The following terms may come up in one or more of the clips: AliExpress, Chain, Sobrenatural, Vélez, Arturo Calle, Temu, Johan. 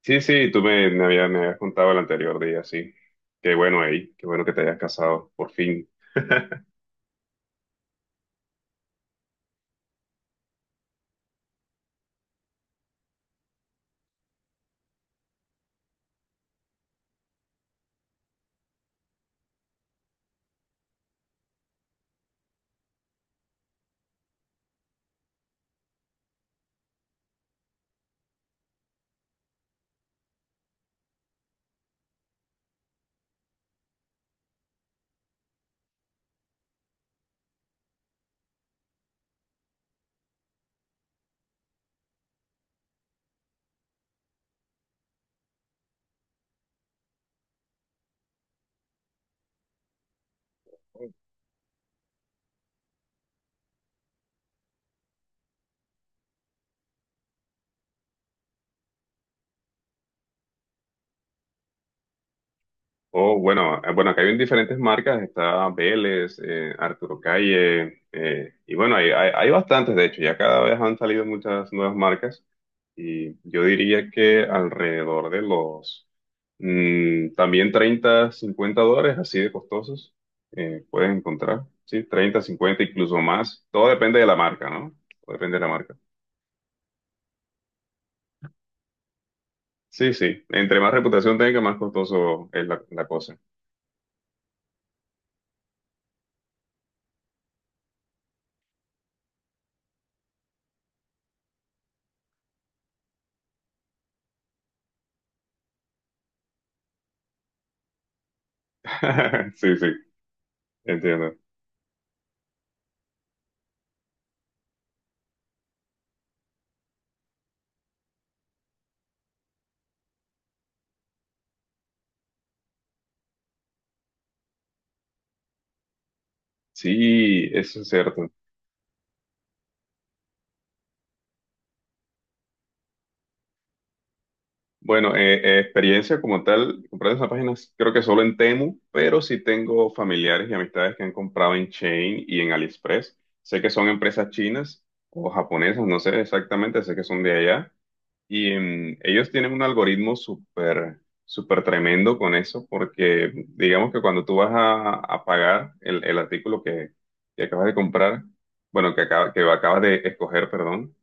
Sí, sí, tú me habías contado el anterior día, sí. Qué bueno, ahí, qué bueno que te hayas casado, por fin. Oh, bueno, bueno, acá hay diferentes marcas, está Vélez, Arturo Calle, y bueno, hay bastantes, de hecho, ya cada vez han salido muchas nuevas marcas, y yo diría que alrededor de los también $30, $50, así de costosos, puedes encontrar, sí, 30, 50, incluso más, todo depende de la marca, ¿no? Todo depende de la marca. Sí, sí. Entre más reputación tenga, más costoso es la cosa. Sí, sí, entiendo. Sí, eso es cierto. Bueno, experiencia como tal, comprar esas páginas creo que solo en Temu, pero sí tengo familiares y amistades que han comprado en Chain y en AliExpress. Sé que son empresas chinas o japonesas, no sé exactamente, sé que son de allá. Y ellos tienen un algoritmo súper, súper tremendo con eso, porque digamos que cuando tú vas a pagar el artículo que acabas de comprar, bueno, que acabas de escoger, perdón,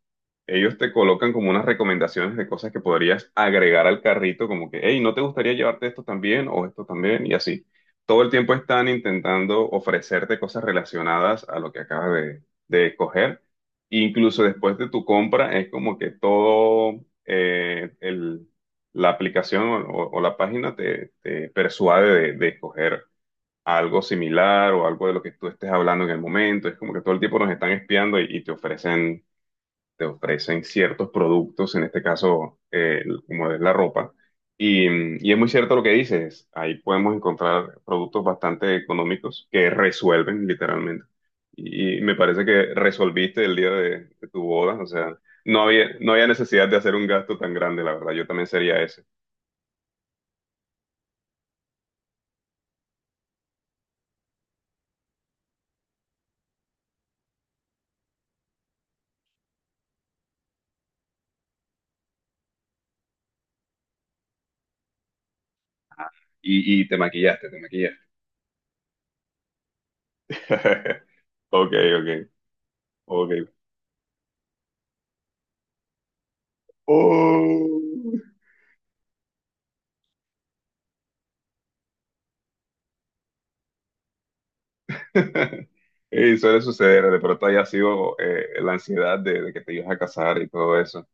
ellos te colocan como unas recomendaciones de cosas que podrías agregar al carrito, como que, hey, ¿no te gustaría llevarte esto también o esto también? Y así. Todo el tiempo están intentando ofrecerte cosas relacionadas a lo que acabas de escoger. Incluso después de tu compra, es como que todo eh, el- la aplicación o la página te persuade de escoger algo similar o algo de lo que tú estés hablando en el momento. Es como que todo el tiempo nos están espiando y te ofrecen ciertos productos, en este caso, como es la ropa. Y, y es muy cierto lo que dices, ahí podemos encontrar productos bastante económicos que resuelven literalmente. Y me parece que resolviste el día de tu boda, o sea, no había, no había necesidad de hacer un gasto tan grande, la verdad, yo también sería ese. Y te maquillaste, te maquillaste. Ok, ok, ok. Oh. Y suele suceder, de pronto haya sido la ansiedad de que te ibas a casar y todo eso.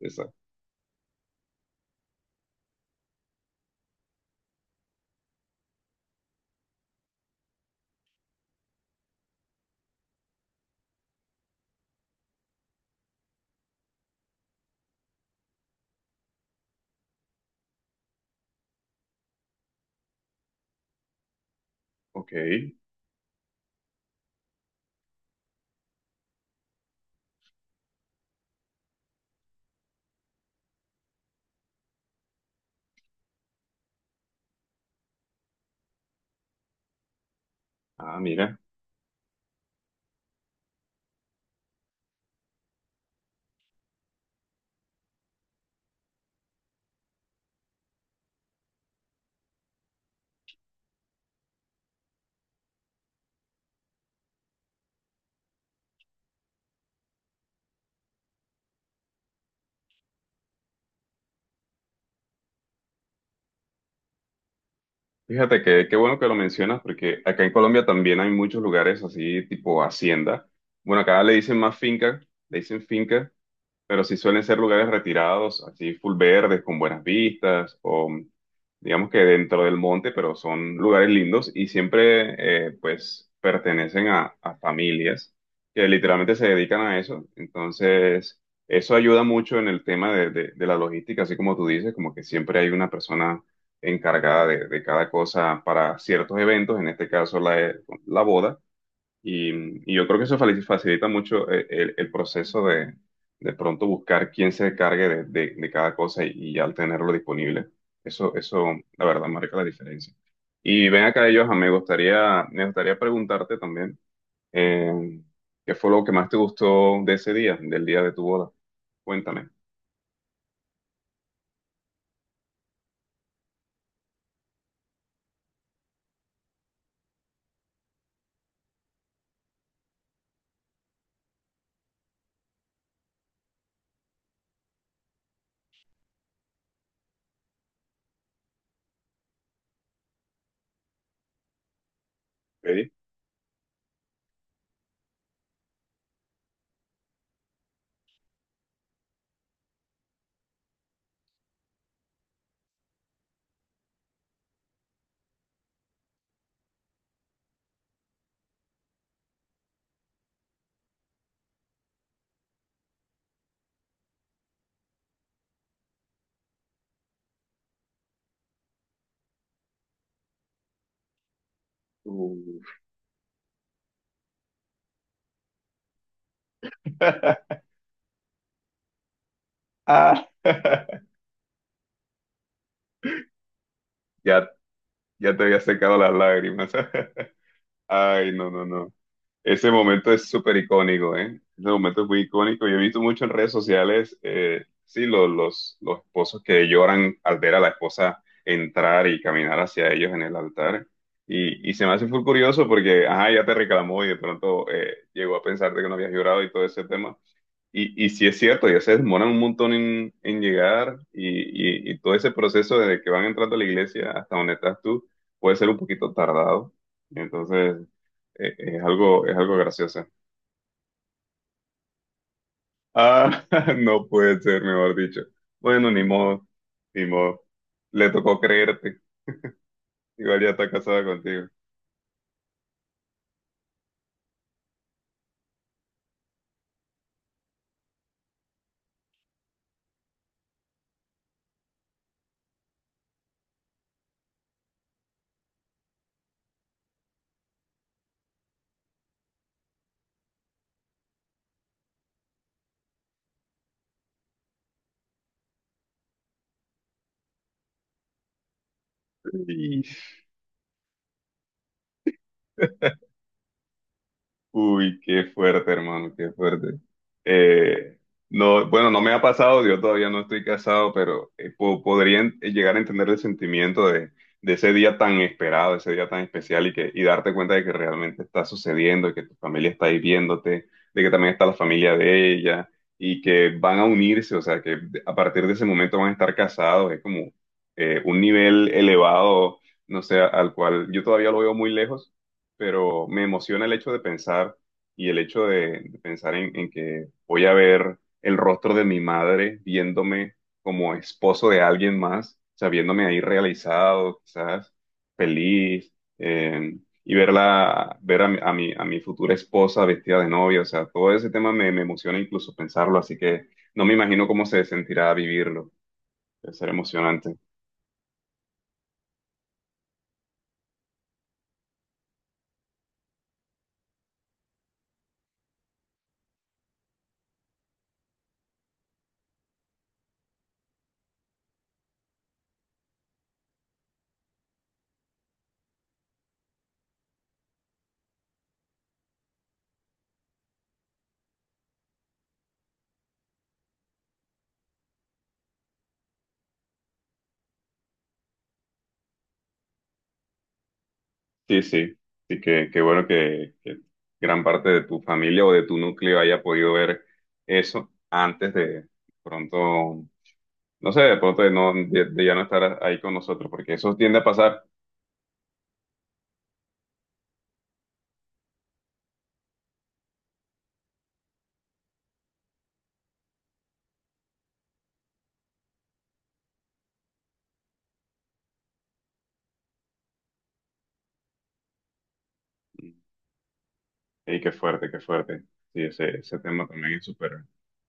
Esa- Ok. Ah, mira. Fíjate que qué bueno que lo mencionas porque acá en Colombia también hay muchos lugares así tipo hacienda. Bueno, acá le dicen más finca, le dicen finca pero sí suelen ser lugares retirados, así full verdes, con buenas vistas, o digamos que dentro del monte, pero son lugares lindos y siempre pues pertenecen a familias que literalmente se dedican a eso. Entonces, eso ayuda mucho en el tema de la logística, así como tú dices, como que siempre hay una persona encargada de cada cosa para ciertos eventos, en este caso la la boda. Y, y yo creo que eso facilita mucho el proceso de pronto buscar quién se encargue de cada cosa y al tenerlo disponible. Eso, la verdad, marca la diferencia. Y ven acá, ellos, me gustaría preguntarte también, eh, ¿qué fue lo que más te gustó de ese día, del día de tu boda? Cuéntame. ¿Ok? Uh. Ah. Ya, ya te había secado las lágrimas. Ay, no, no, no. Ese momento es súper icónico, ¿eh? Ese momento es muy icónico. Yo he visto mucho en redes sociales, sí, los esposos que lloran al ver a la esposa entrar y caminar hacia ellos en el altar. Y se me hace muy curioso porque, ajá, ya te reclamó y de pronto llegó a pensarte que no habías llorado y todo ese tema. Y sí es cierto, ya se demoran un montón en llegar y, y todo ese proceso desde que van entrando a la iglesia hasta donde estás tú puede ser un poquito tardado. Entonces, es algo gracioso. Ah, no puede ser, mejor dicho. Bueno, ni modo, ni modo. Le tocó creerte. Igual ya está casada contigo. Sí. Uy, qué fuerte, hermano, qué fuerte. Eh, no, bueno, no me ha pasado, yo todavía no estoy casado, pero podría llegar a entender el sentimiento de ese día tan esperado, ese día tan especial y que y darte cuenta de que realmente está sucediendo, y que tu familia está ahí viéndote, de que también está la familia de ella y que van a unirse, o sea, que a partir de ese momento van a estar casados, es como un nivel elevado, no sé, al cual yo todavía lo veo muy lejos pero me emociona el hecho de pensar y el hecho de pensar en que voy a ver el rostro de mi madre viéndome como esposo de alguien más, o sea, viéndome ahí realizado, quizás feliz, y verla, ver a mi a mi futura esposa vestida de novia, o sea, todo ese tema me emociona incluso pensarlo, así que no me imagino cómo se sentirá vivirlo, debe ser emocionante. Sí, sí, sí, que, qué bueno que gran parte de tu familia o de tu núcleo haya podido ver eso antes de pronto, no sé, de pronto de, no, de ya no estar ahí con nosotros, porque eso tiende a pasar. Y qué fuerte, qué fuerte. Sí, ese tema también es súper,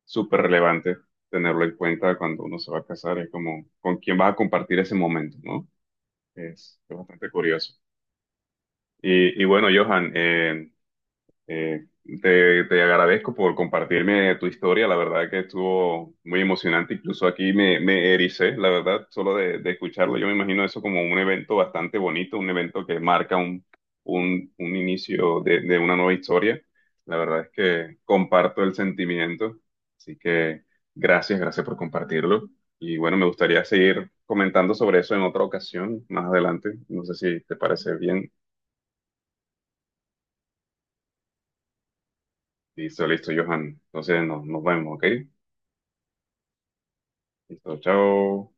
súper relevante tenerlo en cuenta cuando uno se va a casar, es como con quién vas a compartir ese momento, ¿no? Es bastante curioso. Y bueno, Johan, Eh, te, te agradezco por compartirme tu historia, la verdad que estuvo muy emocionante, incluso aquí me, me ericé, la verdad, solo de escucharlo. Yo me imagino eso como un evento bastante bonito, un evento que marca un inicio de una nueva historia. La verdad es que comparto el sentimiento, así que gracias, gracias por compartirlo. Y bueno, me gustaría seguir comentando sobre eso en otra ocasión, más adelante. No sé si te parece bien. Listo, listo, Johan. Entonces nos, nos vemos, ¿ok? Listo, chao.